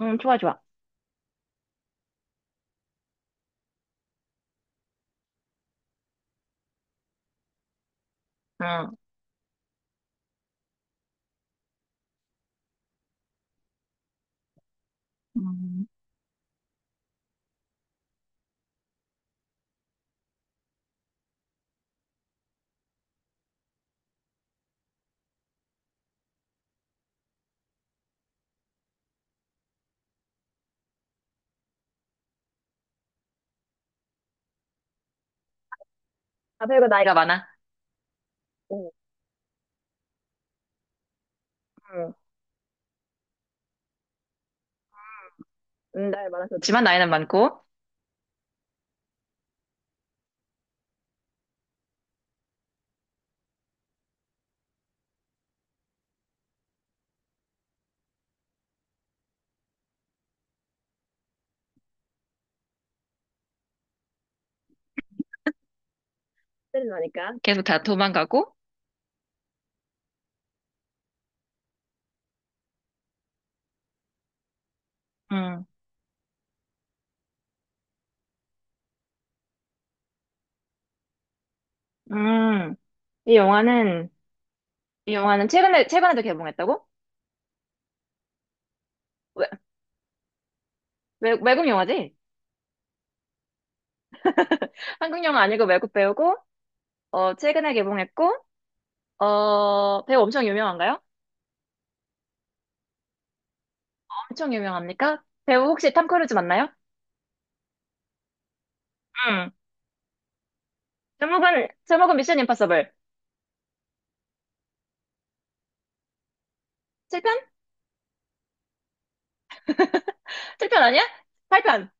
응, 좋아, 좋아. 응. 음, 우고 나이가, 많아. 응, 응, 나이 많아서 지만 나이는 많고 때는 나니까. 계속 다 도망가고. 응. 음, 이 영화는, 이 영화는 최근에, 최근에도 개봉했다고? 외, 외국 영화지? 한국 영화 아니고 외국 배우고, 최근에 개봉했고, 배우 엄청 유명한가요? 엄청 유명합니까? 배우 혹시 탐 크루즈 맞나요? 응. 제목은 미션 임파서블. 7편? 7편 아니야? 8편!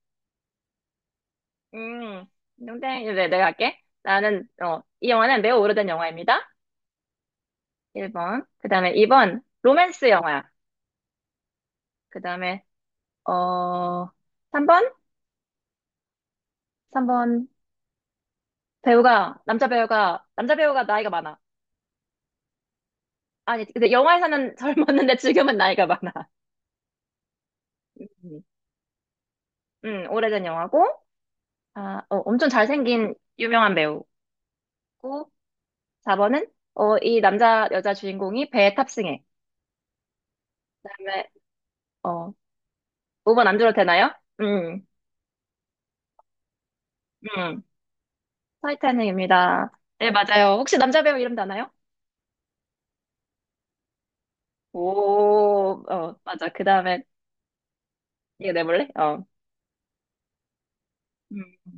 음, 농이 네, 내가 할게. 나는, 이 영화는 매우 오래된 영화입니다. 1번. 그 다음에 2번, 로맨스 영화야. 그 다음에, 어, 3번? 3번, 남자 배우가 나이가 많아. 아니, 근데 영화에서는 젊었는데 지금은 나이가 많아. 음, 오래된 영화고, 엄청 잘생긴 유명한 배우고, 4번은, 여자 주인공이 배에 탑승해. 그 다음에, 어, 5번 안 들어도 되나요? 음, 음. 타이타닉입니다. 네, 맞아요. 혹시 남자 배우 이름도 아나요? 오, 맞아. 그 다음에, 이거 내볼래? 어. 음,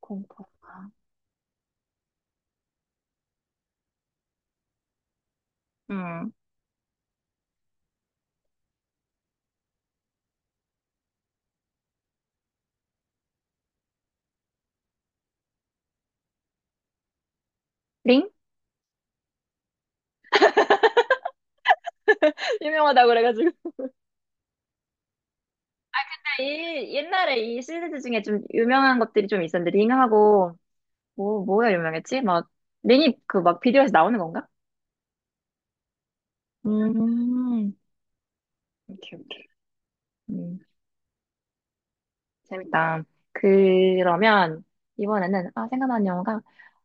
공포. 음. 링? 유명하다고 그래가지고. 옛날에 이 시리즈 중에 좀 유명한 것들이 좀 있었는데, 링하고, 뭐야 유명했지? 막, 링이 그 막 비디오에서 나오는 건가? 음, 오케이, 오케이. 음, 재밌다. 그러면, 이번에는, 생각나는 영화가,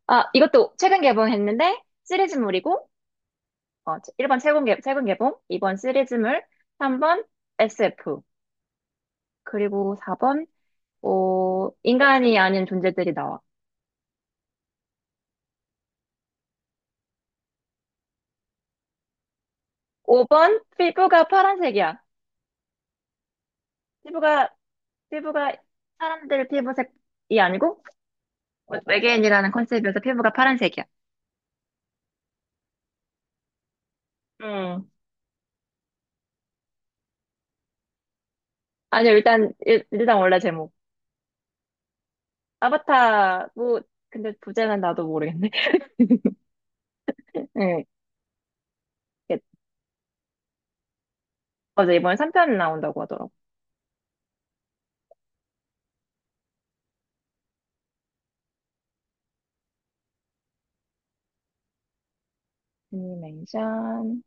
이것도 최근 개봉했는데, 시리즈물이고, 1번 최근, 최근 개봉, 2번 시리즈물, 3번 SF, 그리고 4번 인간이 아닌 존재들이 나와. 5번 피부가 파란색이야. 피부가, 피부가 사람들 피부색이 아니고 외계인이라는 컨셉이어서 피부가 파란색이야. 음. 아니요, 일단, 단 원래 제목. 아바타, 뭐, 근데 부제는 나도 모르겠네. 네. 어제 이번에 3편 나온다고 하더라고. 애니메이션,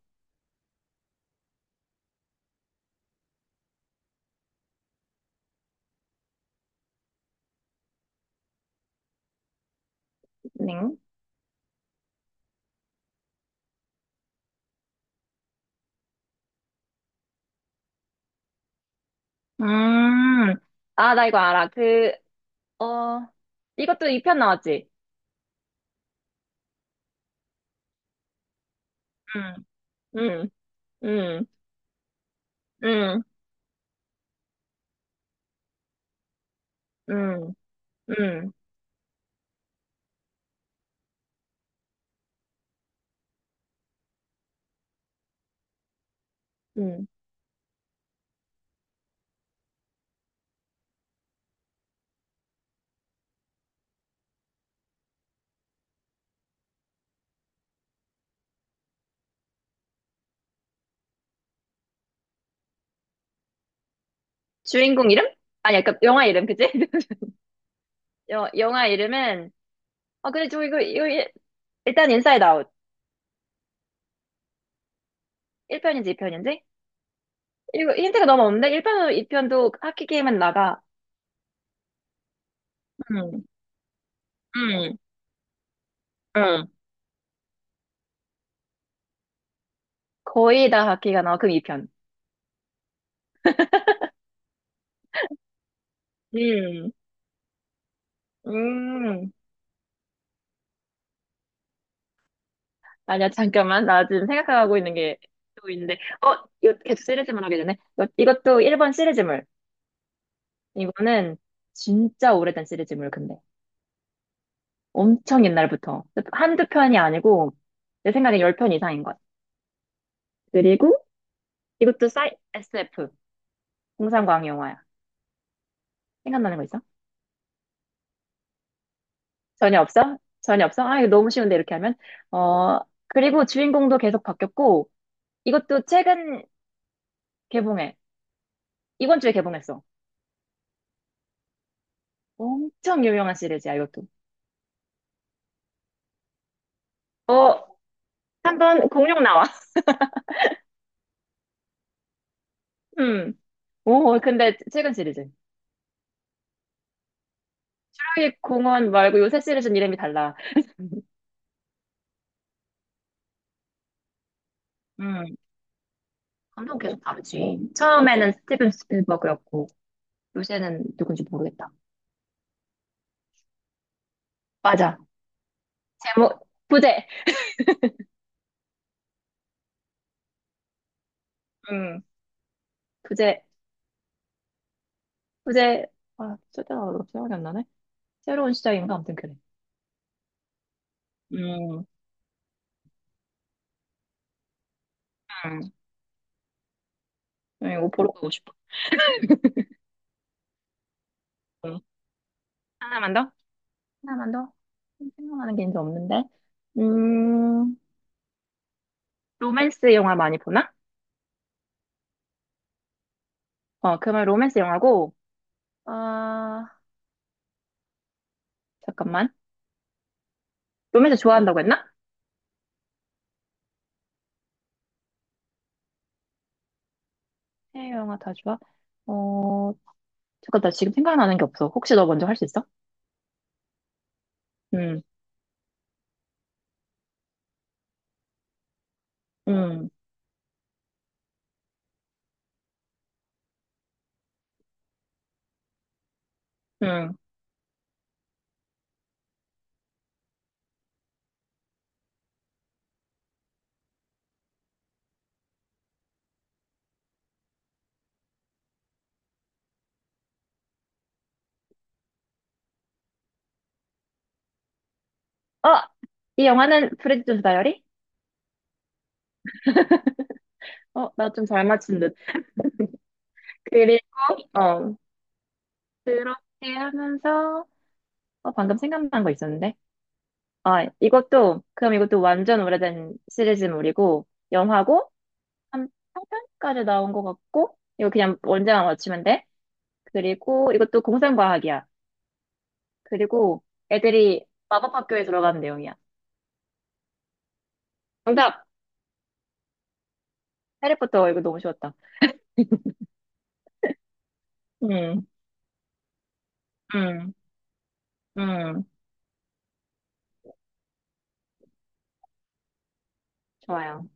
네. 음, 나 이거 알아. 그, 어, 이것도 2편 나왔지? 응, 음, 음, 음, 음, 음, 음. 주인공 이름? 아니, 약간 영화 이름, 그치? 영화 이름은, 근데 저 일단 인사이드 아웃. 1편인지 2편인지? 이거 힌트가 너무 없는데? 1편도 2편도 하키 게임은 나가. 응, 응, 응, 거의 다 하키가 나와. 그럼 2편. 응. 음. 음. 아니야, 잠깐만. 나 지금 생각하고 있는 게 또 있는데. 어, 이거 계속 시리즈물 하게 되네. 이것도 1번 시리즈물. 이거는 진짜 오래된 시리즈물, 근데. 엄청 옛날부터. 한두 편이 아니고, 내 생각엔 열 편 이상인 것 같아. 그리고 이것도 SF, 공상과학 영화야. 생각나는 거 있어? 전혀 없어? 전혀 없어? 이거 너무 쉬운데, 이렇게 하면. 어, 그리고 주인공도 계속 바뀌었고, 이것도 최근 개봉해. 이번 주에 개봉했어. 엄청 유명한 시리즈야, 이것도. 어, 한 번 공룡 나와. 음. 오, 근데 최근 시리즈. 하루이 공원 말고 요새 시리즈는 이름이 달라. 음. 감독 계속 다르지. 처음에는 스티븐 스필버그였고, 요새는 누군지 모르겠다. 맞아. 제목, 부제. 음. 부제, 부제. 진짜 생각이 안 나네. 새로운 시작인가? 아무튼 그래. 음. 음. 이거 보러 가고 싶어. 음. 하나만 더? 하나만 더? 생각나는 게 이제 없는데. 음. 로맨스 영화 많이 보나? 그러면 로맨스 영화고, 아, 잠깐만. 로맨스 좋아한다고 했나? 해외 영화 다 좋아? 어, 잠깐, 나 지금 생각나는 게 없어. 혹시 너 먼저 할 수 있어? 응, 응, 응. 어! 이 영화는 프레디 존스 다이어리? 나 좀 잘 맞춘 듯. 그리고, 어, 그렇게 하면서, 방금 생각난 거 있었는데. 그럼 이것도 완전 오래된 시리즈물이고, 영화고, 한 3편까지 나온 것 같고, 이거 그냥 언제나 맞추면 돼. 그리고 이것도 공상과학이야. 그리고 애들이 마법학교에 들어가는 내용이야. 정답! 해리포터, 이거 너무 쉬웠다. 음, 음, 음. 좋아요.